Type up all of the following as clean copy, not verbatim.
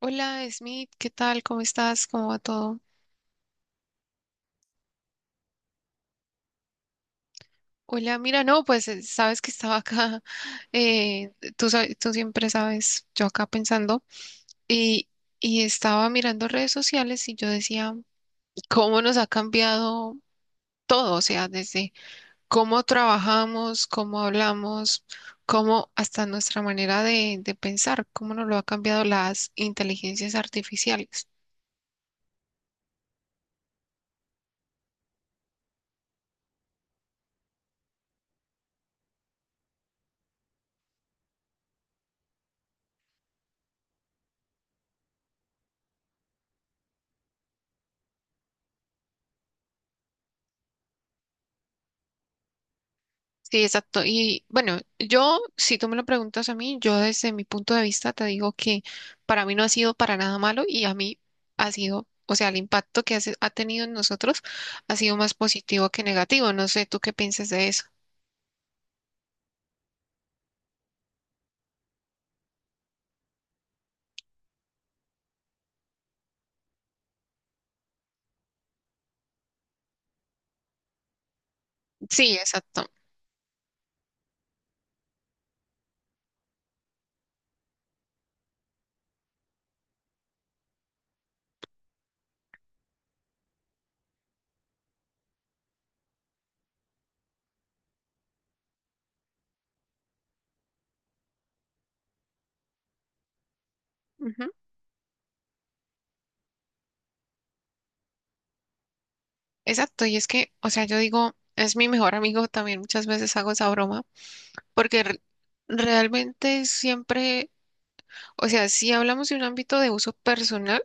Hola, Smith, ¿qué tal? ¿Cómo estás? ¿Cómo va todo? Hola, mira, no, pues sabes que estaba acá, tú, tú siempre sabes, yo acá pensando, y, y estaba mirando redes sociales y yo decía, ¿cómo nos ha cambiado todo? O sea, desde cómo trabajamos, cómo hablamos, cómo hasta nuestra manera de pensar, cómo nos lo ha cambiado las inteligencias artificiales. Sí, exacto. Y bueno, yo, si tú me lo preguntas a mí, yo desde mi punto de vista te digo que para mí no ha sido para nada malo y a mí ha sido, o sea, el impacto que ha tenido en nosotros ha sido más positivo que negativo. No sé, ¿tú qué piensas de eso? Sí, exacto. Ujú. Exacto. Y es que, o sea, yo digo, es mi mejor amigo también, muchas veces hago esa broma, porque realmente siempre, o sea, si hablamos de un ámbito de uso personal,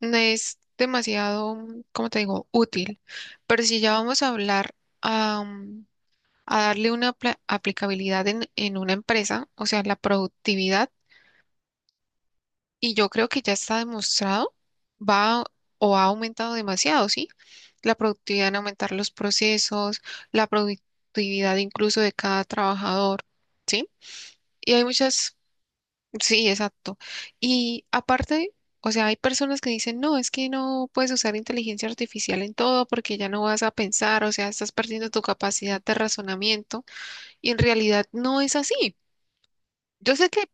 no es demasiado, como te digo, útil, pero si ya vamos a hablar a, a darle una aplicabilidad en una empresa, o sea, la productividad, y yo creo que ya está demostrado, va o ha aumentado demasiado, ¿sí? La productividad en aumentar los procesos, la productividad incluso de cada trabajador, ¿sí? Y hay muchas. Sí, exacto. Y aparte, o sea, hay personas que dicen, no, es que no puedes usar inteligencia artificial en todo porque ya no vas a pensar, o sea, estás perdiendo tu capacidad de razonamiento y en realidad no es así. Yo sé que,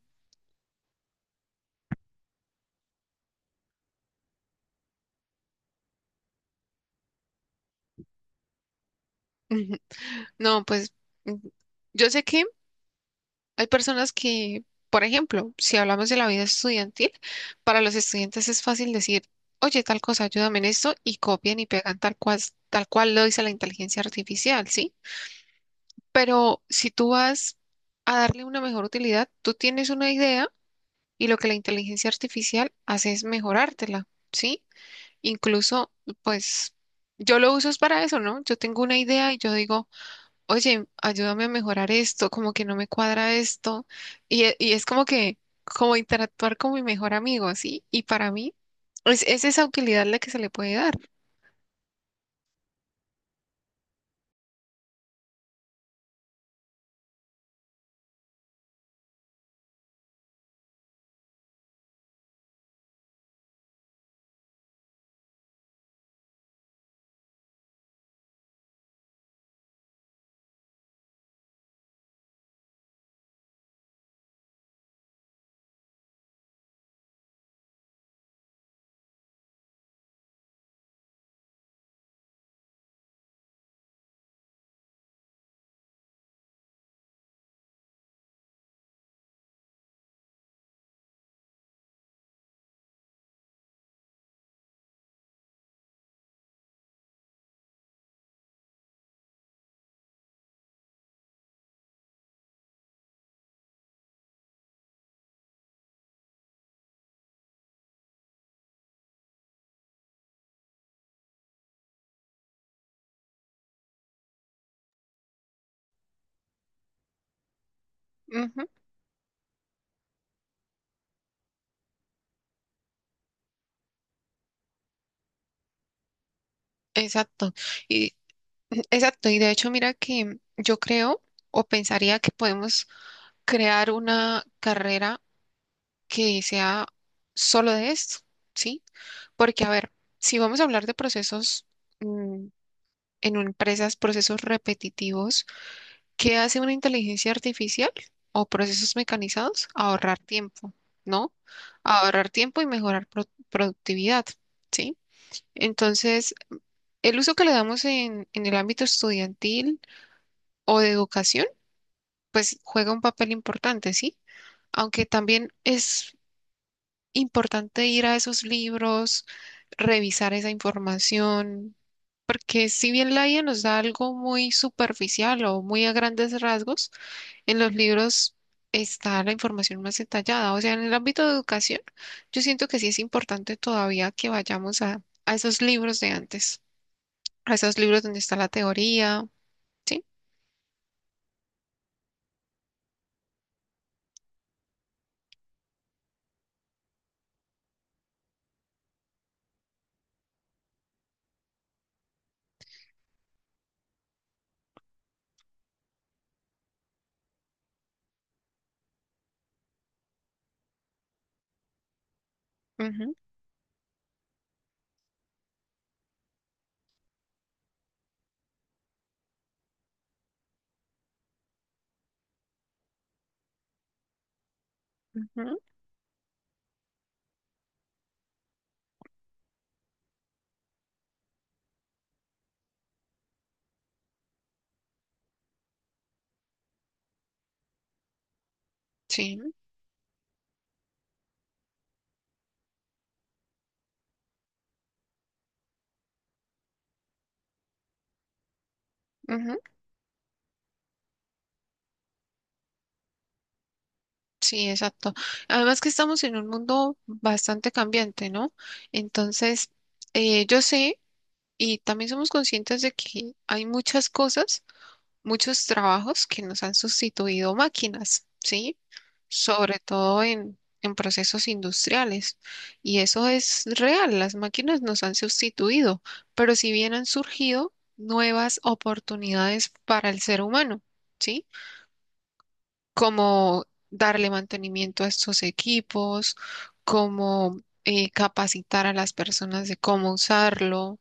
no, pues, mm, yo sé que hay personas que, por ejemplo, si hablamos de la vida estudiantil, para los estudiantes es fácil decir, oye, tal cosa, ayúdame en esto y copian y pegan tal cual lo dice la inteligencia artificial, ¿sí? Pero si tú vas a darle una mejor utilidad, tú tienes una idea y lo que la inteligencia artificial hace es mejorártela, ¿sí? Incluso, pues, yo lo uso es para eso, ¿no? Yo tengo una idea y yo digo, oye, ayúdame a mejorar esto, como que no me cuadra esto. Y, y es como que, como interactuar con mi mejor amigo, ¿sí? Y para mí, es esa utilidad la que se le puede dar. Ujú, exacto. Exacto, y de hecho mira que yo creo o pensaría que podemos crear una carrera que sea solo de esto, ¿sí? Porque a ver, si vamos a hablar de procesos mm, en empresas, procesos repetitivos, ¿qué hace una inteligencia artificial o procesos mecanizados? Ahorrar tiempo, ¿no? Ahorrar tiempo y mejorar productividad, ¿sí? Entonces, el uso que le damos en el ámbito estudiantil o de educación, pues juega un papel importante, ¿sí? Aunque también es importante ir a esos libros, revisar esa información, porque si bien la IA nos da algo muy superficial o muy a grandes rasgos, en los libros está la información más detallada. O sea, en el ámbito de educación, yo siento que sí es importante todavía que vayamos a esos libros de antes, a esos libros donde está la teoría. ¿Sí? Ujú, ujú, sí, ujú, sí, exacto. Además que estamos en un mundo bastante cambiante, ¿no? Entonces, yo sé y también somos conscientes de que hay muchas cosas, muchos trabajos que nos han sustituido máquinas, ¿sí? Sobre todo en procesos industriales. Y eso es real, las máquinas nos han sustituido, pero si bien han surgido nuevas oportunidades para el ser humano, ¿sí? Como darle mantenimiento a estos equipos, como capacitar a las personas de cómo usarlo,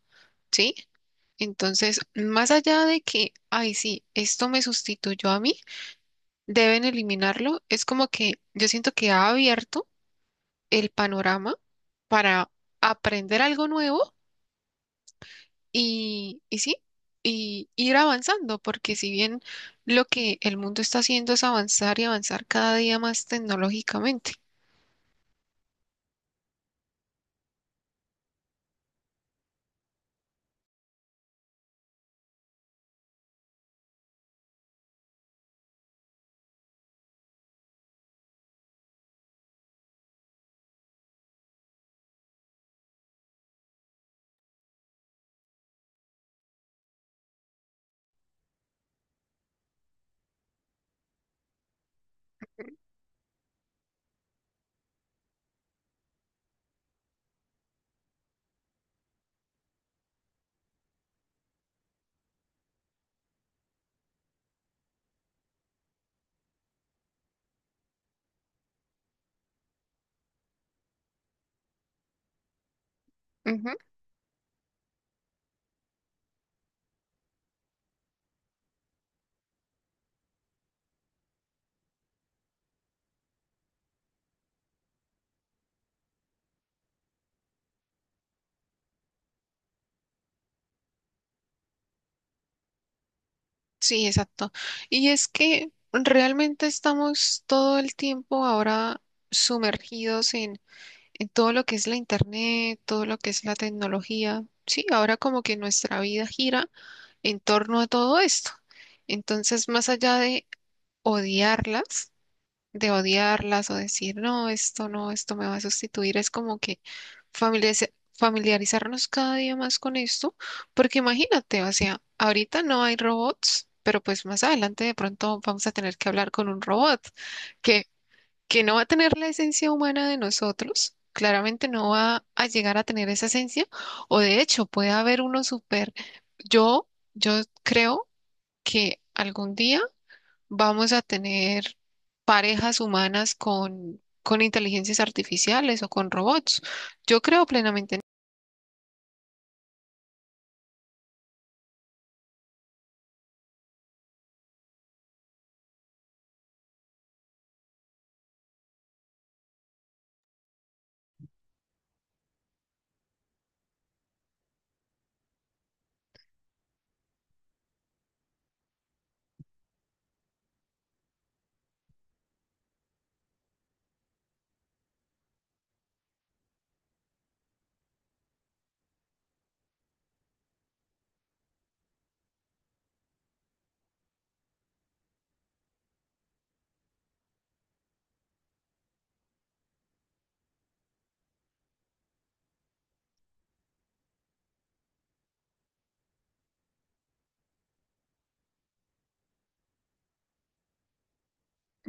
¿sí? Entonces, más allá de que, ay, sí, esto me sustituyó a mí, deben eliminarlo. Es como que yo siento que ha abierto el panorama para aprender algo nuevo y sí, y ir avanzando, porque si bien lo que el mundo está haciendo es avanzar y avanzar cada día más tecnológicamente. Ujú, sí, exacto. Y es que realmente estamos todo el tiempo ahora sumergidos en todo lo que es la internet, todo lo que es la tecnología. Sí, ahora como que nuestra vida gira en torno a todo esto. Entonces, más allá odiarlas, de odiarlas o decir, no, esto no, esto me va a sustituir, es como que familiarizarnos cada día más con esto, porque imagínate, o sea, ahorita no hay robots, pero pues más adelante de pronto vamos a tener que hablar con un robot que, que no va a tener la esencia humana de nosotros. Claramente no va a llegar a tener esa esencia, o de hecho puede haber uno súper, yo, yo creo que algún día vamos a tener parejas humanas con inteligencias artificiales o con robots. Yo creo plenamente, en-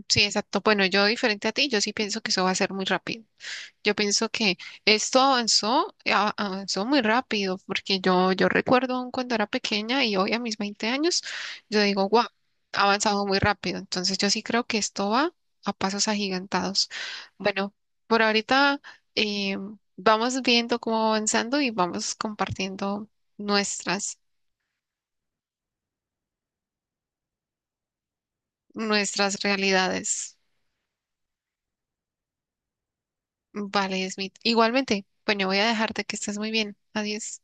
sí, exacto. Bueno, yo diferente a ti, yo sí pienso que eso va a ser muy rápido. Yo pienso que esto avanzó, avanzó muy rápido, porque yo recuerdo aún cuando era pequeña y hoy a mis 20 años, yo digo, wow, ha avanzado muy rápido. Entonces yo sí creo que esto va a pasos agigantados. Bueno, por ahorita eh, vamos viendo cómo va avanzando y vamos compartiendo nuestras, nuestras realidades. Vale, Smith. Igualmente, bueno, voy a dejarte que estés muy bien. Adiós.